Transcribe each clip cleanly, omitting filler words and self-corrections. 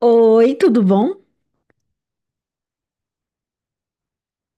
Oi, tudo bom?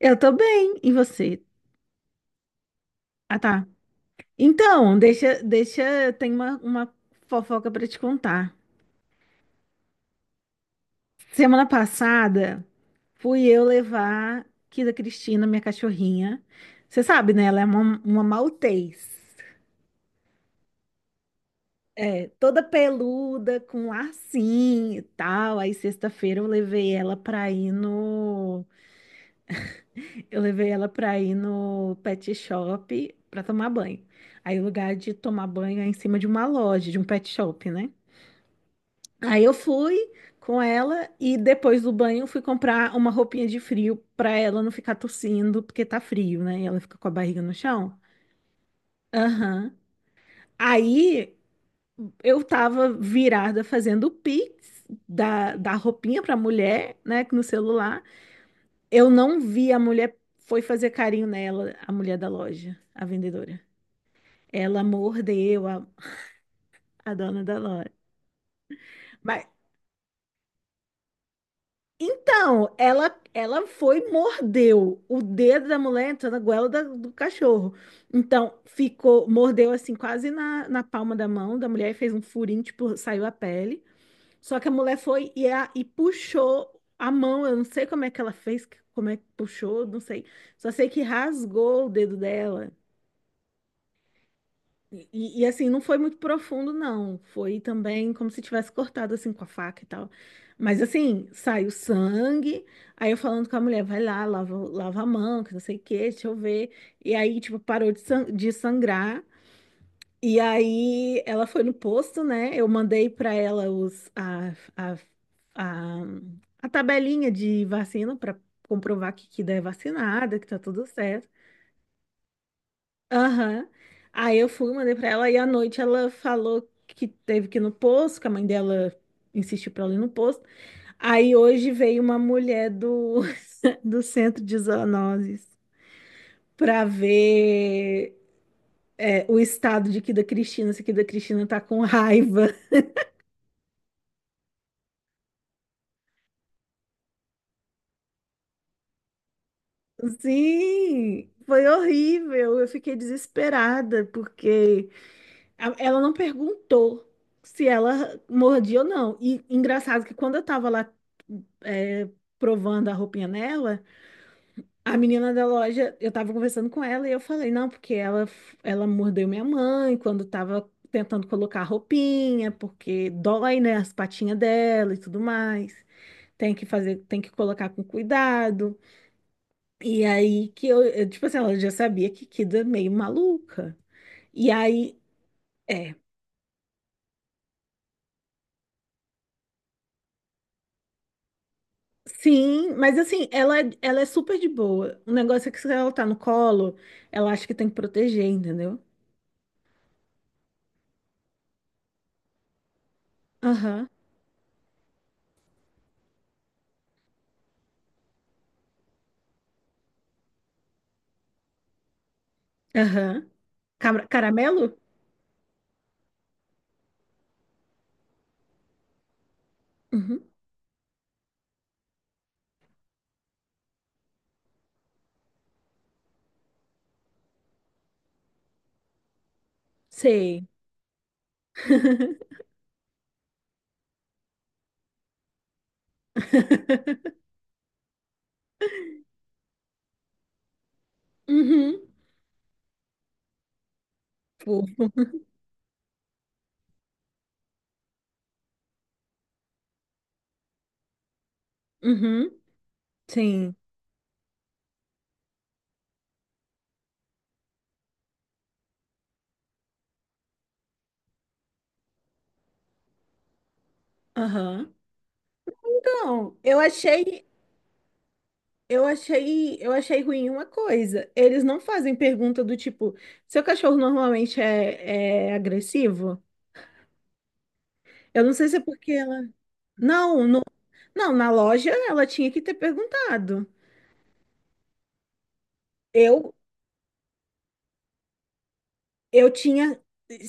Eu tô bem. E você? Ah, tá. Então, deixa, tem uma fofoca pra te contar. Semana passada, fui eu levar Kida Cristina, minha cachorrinha. Você sabe, né? Ela é uma Maltês. É, toda peluda, com lacinho e tal. Aí, sexta-feira, Eu levei ela pra ir no pet shop pra tomar banho. Aí o lugar de tomar banho é em cima de uma loja, de um pet shop, né? Aí eu fui com ela e depois do banho fui comprar uma roupinha de frio pra ela não ficar tossindo, porque tá frio, né? E ela fica com a barriga no chão. Aham. Aí eu tava virada fazendo o Pix da roupinha pra mulher, né? No celular. Eu não vi a mulher, foi fazer carinho nela, a mulher da loja, a vendedora. Ela mordeu a dona da loja. Mas então, ela foi e mordeu o dedo da mulher entrou na goela do cachorro. Então, ficou, mordeu assim quase na palma da mão da mulher e fez um furinho, tipo, saiu a pele. Só que a mulher foi e, e puxou a mão, eu não sei como é que ela fez, como é que puxou, não sei. Só sei que rasgou o dedo dela. Assim, não foi muito profundo, não. Foi também como se tivesse cortado assim com a faca e tal. Mas assim, saiu sangue. Aí eu falando com a mulher, vai lá, lava a mão, que não sei o quê, deixa eu ver. E aí, tipo, parou de, de sangrar. E aí ela foi no posto, né? Eu mandei pra ela os, a, a, a tabelinha de vacina pra comprovar que é vacinada, que tá tudo certo. Aham. Aí eu fui, mandei pra ela, e à noite ela falou que teve que ir no posto, que a mãe dela insistiu pra ela ir no posto. Aí hoje veio uma mulher do, do centro de zoonoses pra ver o estado de que da Cristina, se que da Cristina tá com raiva. Sim, foi horrível. Eu fiquei desesperada, porque ela não perguntou se ela mordia ou não. E engraçado que quando eu tava lá é, provando a roupinha nela, a menina da loja, eu tava conversando com ela e eu falei, não, porque ela mordeu minha mãe quando tava tentando colocar a roupinha, porque dói, né, as patinhas dela e tudo mais. Tem que fazer, tem que colocar com cuidado. E aí que tipo assim, ela já sabia que Kida é meio maluca. E aí, é. Sim, mas assim, ela, ela é super de boa. O negócio é que se ela tá no colo, ela acha que tem que proteger, entendeu? Aham. Aham. Caramelo? Uhum. Sei. Uhum. Fofo. Uhum. Sim. Aham. Então, eu achei ruim uma coisa. Eles não fazem pergunta do tipo, seu cachorro normalmente é agressivo? Eu não sei se é porque ela. Não, não, na loja ela tinha que ter perguntado. Eu, eu tinha,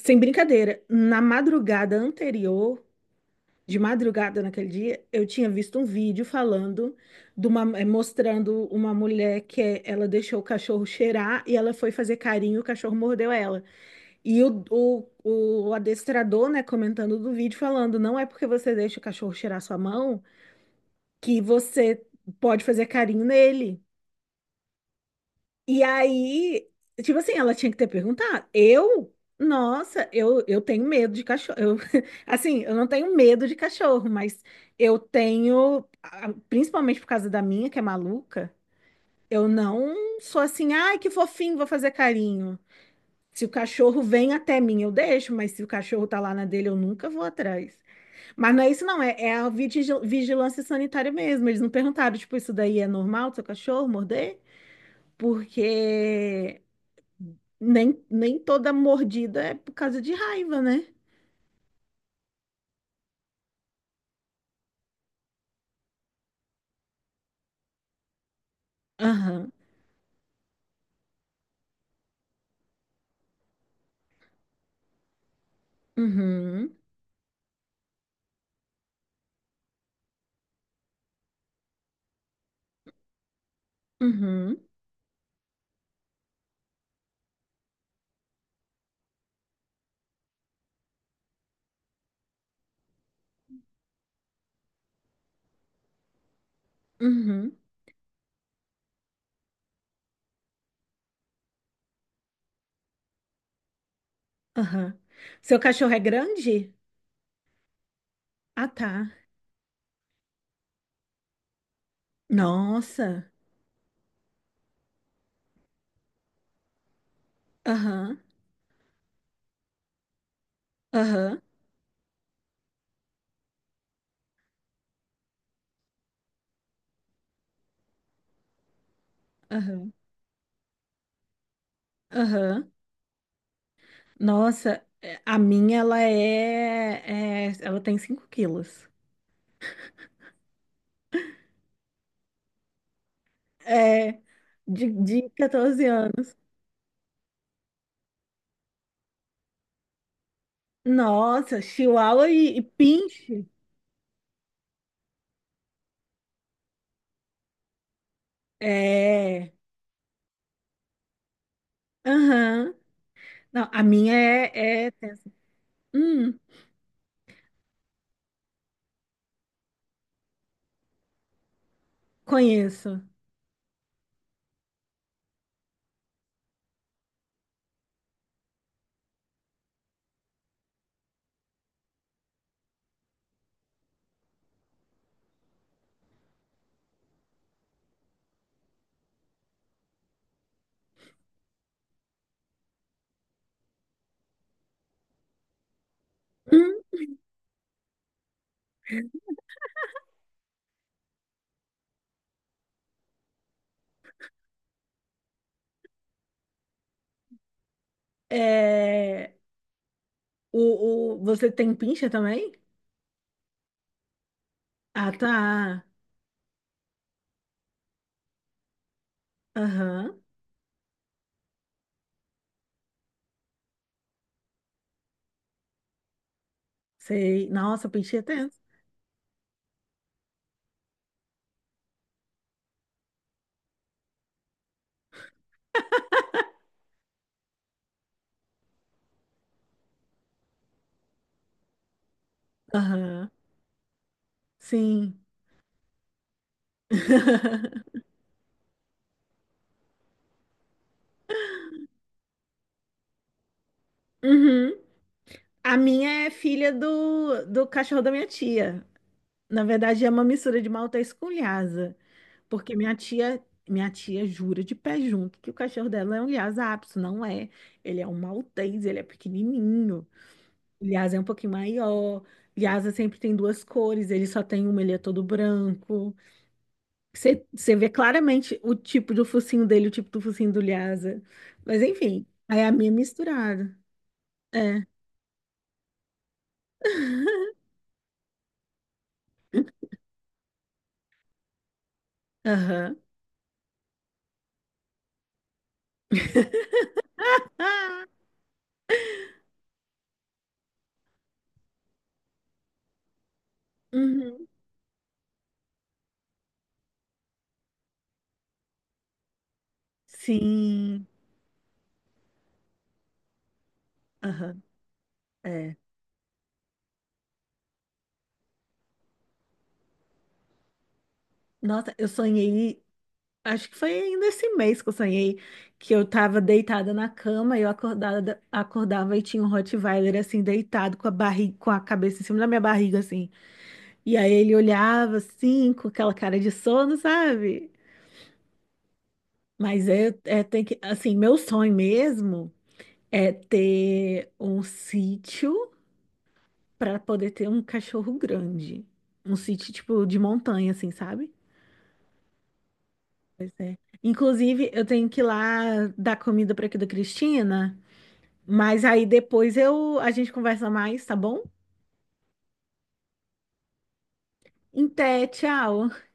sem brincadeira, na madrugada anterior. De madrugada naquele dia, eu tinha visto um vídeo falando de uma, mostrando uma mulher que ela deixou o cachorro cheirar e ela foi fazer carinho, o cachorro mordeu ela. E o adestrador, né, comentando do vídeo, falando, não é porque você deixa o cachorro cheirar sua mão que você pode fazer carinho nele. E aí, tipo assim, ela tinha que ter perguntado. Nossa, eu tenho medo de cachorro. Eu, assim, eu não tenho medo de cachorro, mas eu tenho, principalmente por causa da minha, que é maluca, eu não sou assim, ai, que fofinho, vou fazer carinho. Se o cachorro vem até mim, eu deixo, mas se o cachorro tá lá na dele, eu nunca vou atrás. Mas não é isso, não, é a vigilância sanitária mesmo. Eles não perguntaram, tipo, isso daí é normal do seu cachorro morder? Porque. Nem toda mordida é por causa de raiva, né? Aham. Uhum. Uhum. Uhum. Aham. Seu cachorro é grande? Ah, tá. Nossa. Aham. Aham. Aham. Aham. Nossa, é, a minha, ela é, ela tem 5 quilos. É. De 14 anos. Nossa, Chihuahua e Pinche. É. Aham. Não, a minha é, é... tensa. Hum. Conheço. Hum, é, você tem pincha também? Ah, tá. Aham. Sei. Nossa, pincha é tenso. Aham. Sim. Uhum. A minha é filha do cachorro da minha tia. Na verdade, é uma mistura de Maltês com Lhasa. Porque minha tia jura de pé junto que o cachorro dela é um Lhasa Apso. Não é. Ele é um Maltês, ele é pequenininho. O Lhasa é um pouquinho maior. Lhasa sempre tem duas cores, ele só tem uma, ele é todo branco. Você vê claramente o tipo do focinho dele, o tipo do focinho do Lhasa. Mas enfim, aí é a minha misturada. É, aham. Ah, uhum. Sim, aham, é. Nossa, eu sonhei, acho que foi ainda esse mês que eu sonhei, que eu tava deitada na cama e eu acordada, acordava e tinha um Rottweiler assim, deitado com a barriga, com a cabeça em cima da minha barriga, assim. E aí ele olhava assim, com aquela cara de sono, sabe? Mas é, é tem que, assim, meu sonho mesmo é ter um sítio para poder ter um cachorro grande. Um sítio tipo de montanha, assim, sabe? Inclusive, eu tenho que ir lá dar comida para aqui da Cristina, mas aí depois eu a gente conversa mais, tá bom? Até té, tchau.